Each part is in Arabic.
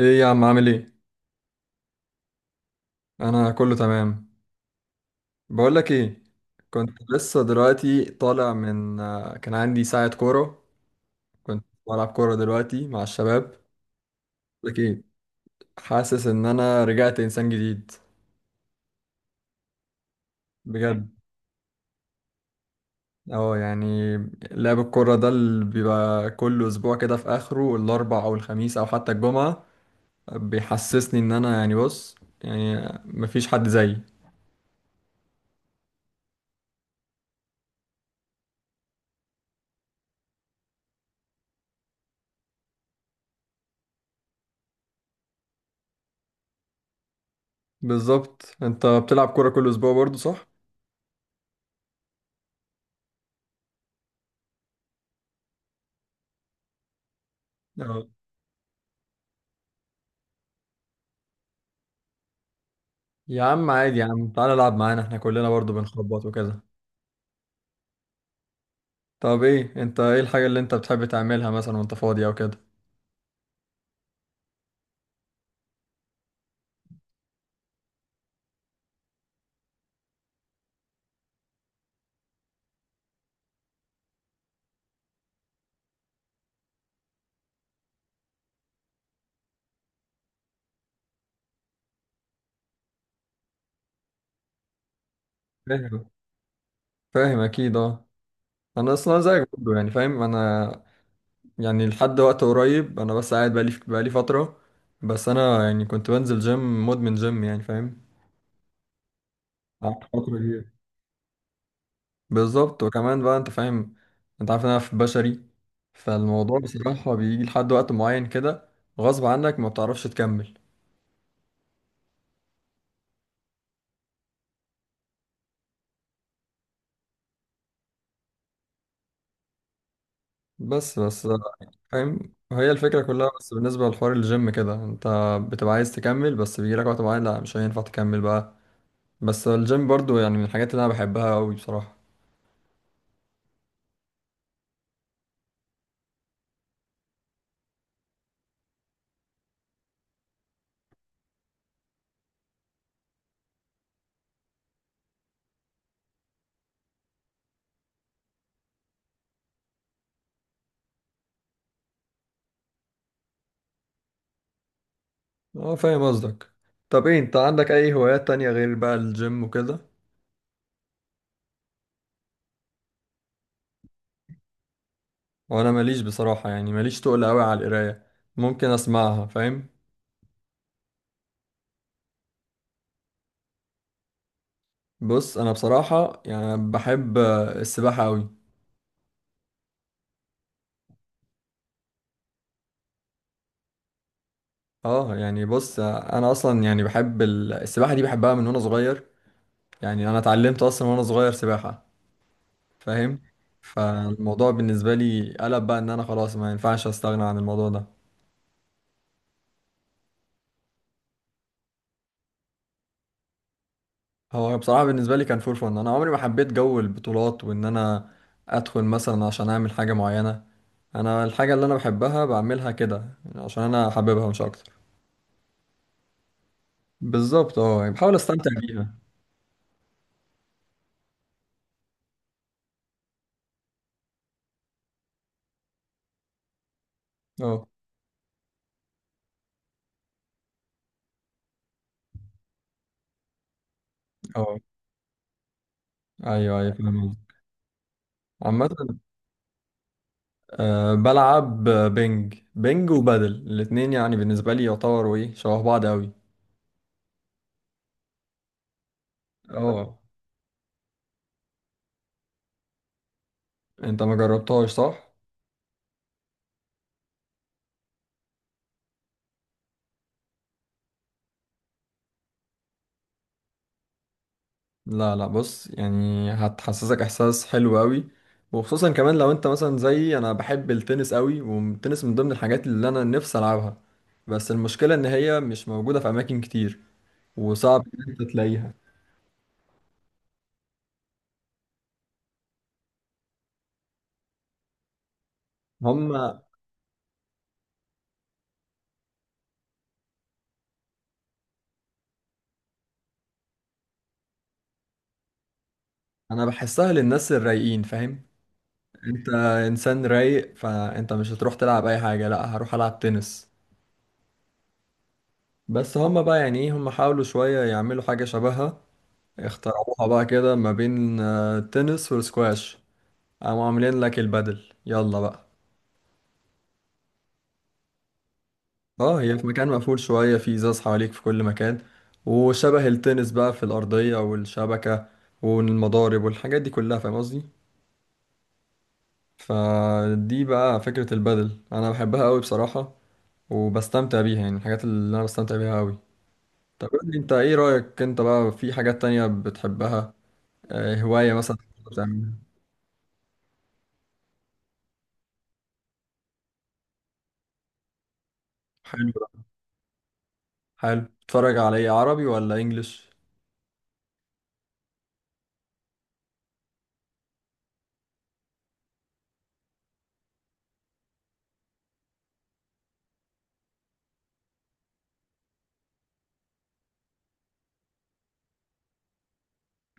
ايه يا عم عامل ايه؟ انا كله تمام. بقول لك ايه. كنت لسه دلوقتي طالع من كان عندي ساعة كورة. كنت بلعب كورة دلوقتي مع الشباب. لك ايه. حاسس ان انا رجعت انسان جديد. بجد. اه يعني. لعب الكورة ده اللي بيبقى كل اسبوع كده في اخره الاربع او الخميس او حتى الجمعة بيحسسني ان انا يعني بص، يعني مفيش حد زيي. بالظبط، انت بتلعب كورة كل اسبوع برضه صح؟ يا عم عادي، يا عم تعالى العب معانا، احنا كلنا برضو بنخبط وكده. طب ايه، انت ايه الحاجة اللي انت بتحب تعملها مثلا وانت فاضي او كده؟ فاهم. فاهم اكيد اه. انا اصلا زيك برضو يعني فاهم انا. يعني لحد وقت قريب انا بس قاعد بقالي فترة. بس انا يعني كنت بنزل جيم، مدمن جيم يعني فاهم. قعدت فترة كبيرة. بالظبط، وكمان بقى انت فاهم. انت عارف إن انا في بشري. فالموضوع بصراحة بيجي لحد وقت معين كده غصب عنك ما بتعرفش تكمل. بس بس. فاهم، هي الفكرة كلها بس بالنسبة لحوار الجيم كده، انت بتبقى عايز تكمل بس بيجيلك وقت معين لا مش هينفع تكمل بقى. بس الجيم برضو يعني من الحاجات اللي انا بحبها قوي بصراحة. اه فاهم قصدك. طب ايه انت، عندك اي هوايات تانية غير بقى الجيم وكده؟ وانا ماليش بصراحة، يعني ماليش تقل قوي على القراية. ممكن اسمعها فاهم. بص انا بصراحة يعني بحب السباحة قوي. اه يعني بص، انا اصلا يعني بحب السباحة دي بحبها من وانا صغير. يعني انا اتعلمت اصلا وانا صغير سباحة، فاهم. فالموضوع بالنسبة لي قلب بقى، ان انا خلاص ما ينفعش استغنى عن الموضوع ده. هو بصراحة بالنسبة لي كان فور فن. انا عمري ما حبيت جو البطولات وان انا ادخل مثلا عشان اعمل حاجة معينة. انا الحاجة اللي انا بحبها بعملها كده، يعني عشان انا حاببها مش اكتر. بالظبط اه، يعني بحاول استمتع بيها. اه اه. ايوه ايوه فاهم قصدك. عامة، أه بلعب بينج بينج وبادل، الاتنين يعني بالنسبة لي يعتبروا ايه شبه بعض اوي. اه انت ما جربتهاش صح؟ لا لا، بص يعني هتحسسك احساس حلو قوي. وخصوصا كمان لو انت مثلا زي انا بحب التنس قوي، والتنس من ضمن الحاجات اللي انا نفسي العبها بس المشكله ان هي مش موجوده في اماكن كتير، وصعب ان انت تلاقيها. هم. انا بحسها للناس الرايقين فاهم. انت انسان رايق فانت مش هتروح تلعب اي حاجه، لا هروح العب تنس. بس هم بقى يعني ايه، هم حاولوا شويه يعملوا حاجه شبهها، اخترعوها بقى كده ما بين التنس والسكواش. قاموا عاملين لك البدل يلا بقى. اه هي في مكان مقفول شوية، في ازاز حواليك في كل مكان. وشبه التنس بقى في الأرضية والشبكة والمضارب والحاجات دي كلها، فاهم قصدي. فدي بقى فكرة البدل أنا بحبها أوي بصراحة، وبستمتع بيها، يعني من الحاجات اللي أنا بستمتع بيها أوي. طب قول لي أنت إيه رأيك، أنت بقى في حاجات تانية بتحبها، هواية مثلا بتعملها؟ حلو ده. حلو، تتفرج على إيه عربي ولا إنجليش؟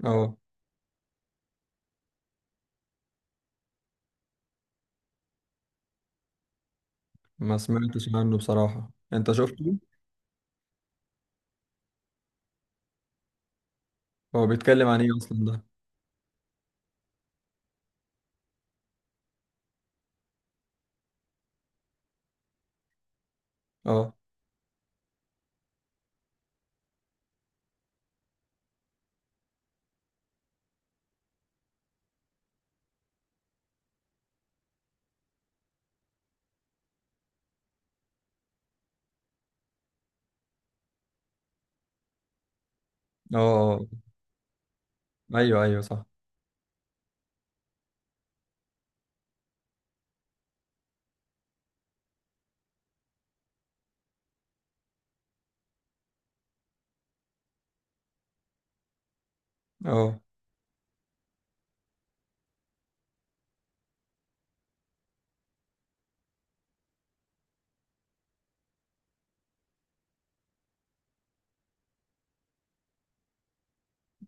اه ما سمعتش عنه بصراحة، أنت شفته؟ هو بيتكلم عن ايه اصلا ده؟ اه اه آه. ايوه ايوه صح. اه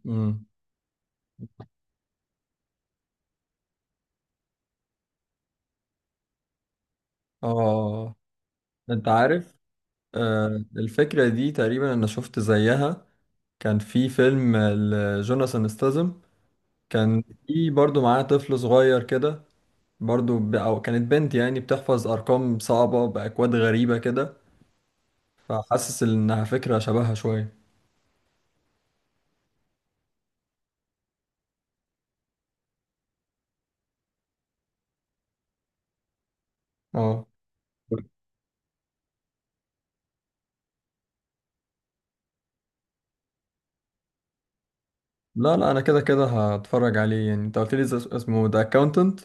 امم اه آه، آه. انت عارف، آه، الفكره دي تقريبا انا شفت زيها. كان في فيلم لجوناثان ستاثام، كان في برضو معاه طفل صغير كده. برضو او كانت بنت يعني بتحفظ ارقام صعبه باكواد غريبه كده. فحاسس انها فكره شبهها شويه. اه لا لا، انا كده كده هتفرج عليه يعني، انت قلت لي اسمه ذا اكاونتنت.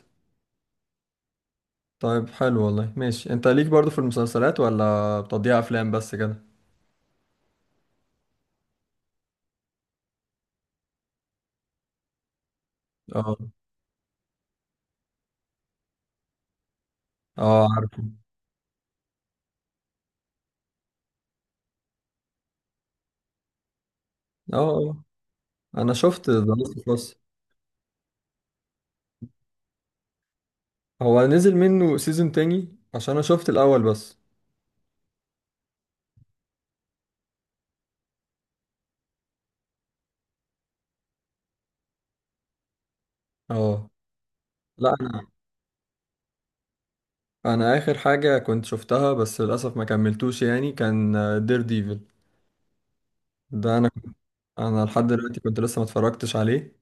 طيب حلو والله، ماشي. انت ليك برضو في المسلسلات ولا بتضيع افلام بس كده؟ اه اه عارفه. اه آه. انا شفت ذا لاست اوف اس. هو نزل منه سيزون تاني عشان انا شفت الاول بس. اه لا انا اخر حاجة كنت شفتها بس للاسف ما كملتوش يعني، كان دير ديفل. ده انا انا لحد دلوقتي كنت لسه ما اتفرجتش عليه.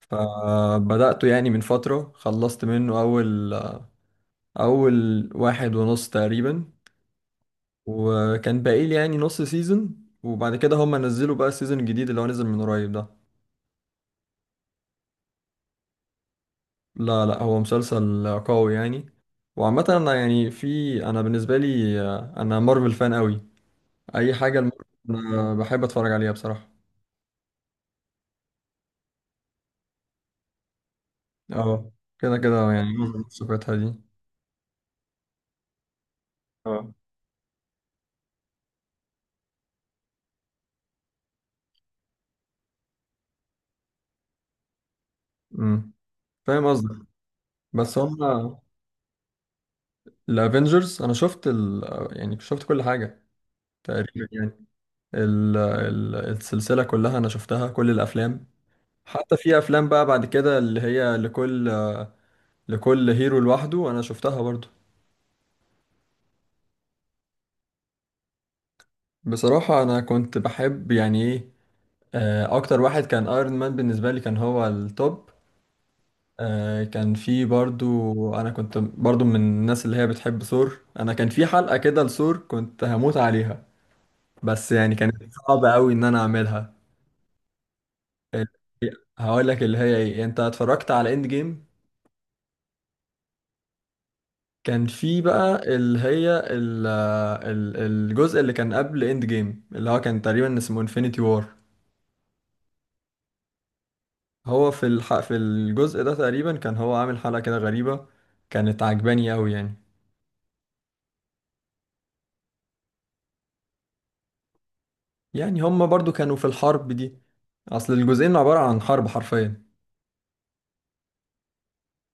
فبدأته يعني من فترة، خلصت منه اول واحد ونص تقريبا، وكان باقي لي يعني نص سيزون. وبعد كده هم نزلوا بقى السيزون الجديد اللي هو نزل من قريب ده. لا لا، هو مسلسل قوي يعني. وعامة انا يعني في، انا بالنسبة لي انا مارفل فان قوي. اي حاجة المارفل انا بحب اتفرج عليها بصراحة. اه كده كده يعني معظم صفاتها دي. اه امم فاهم قصدك. بس هم، الافينجرز انا شفت يعني شفت كل حاجة تقريبا يعني. السلسلة كلها انا شفتها، كل الافلام. حتى في افلام بقى بعد كده اللي هي لكل هيرو لوحده انا شفتها برضو. بصراحة انا كنت بحب يعني ايه، اكتر واحد كان ايرون مان، بالنسبة لي كان هو التوب. كان في برضو، انا كنت برضو من الناس اللي هي بتحب ثور. انا كان في حلقة كده لثور كنت هموت عليها، بس يعني كانت صعبة قوي ان انا اعملها. ال- هقول لك اللي هي ايه. انت اتفرجت على اند جيم؟ كان في بقى اللي هي الجزء اللي كان قبل اند جيم اللي هو كان تقريبا اسمه انفينيتي وار. هو في الحق في الجزء ده تقريبا كان هو عامل حلقة كده غريبة، كانت عجباني قوي يعني. يعني هما برضو كانوا في الحرب دي، اصل الجزئين عبارة عن حرب حرفيا.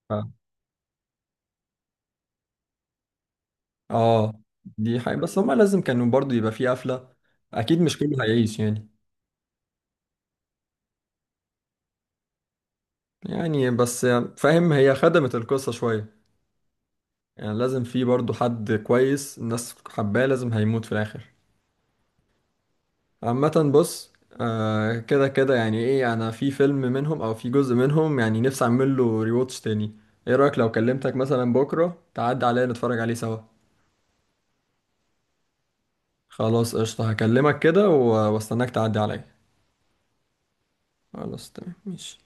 ف- اه دي حقيقة بس هما لازم كانوا برضو يبقى في قفلة. اكيد مش كله هيعيش يعني. يعني بس، فاهم هي خدمت القصة شوية. يعني لازم في برضو حد كويس الناس حباه لازم هيموت في الاخر. عامة بص، آه كده كده يعني ايه، انا في فيلم منهم او في جزء منهم يعني نفسي اعمل له ريواتش تاني. ايه رأيك لو كلمتك مثلا بكرة تعدي عليا نتفرج عليه سوا؟ خلاص قشطة، هكلمك كده واستناك تعدي عليا. خلاص تمام ماشي.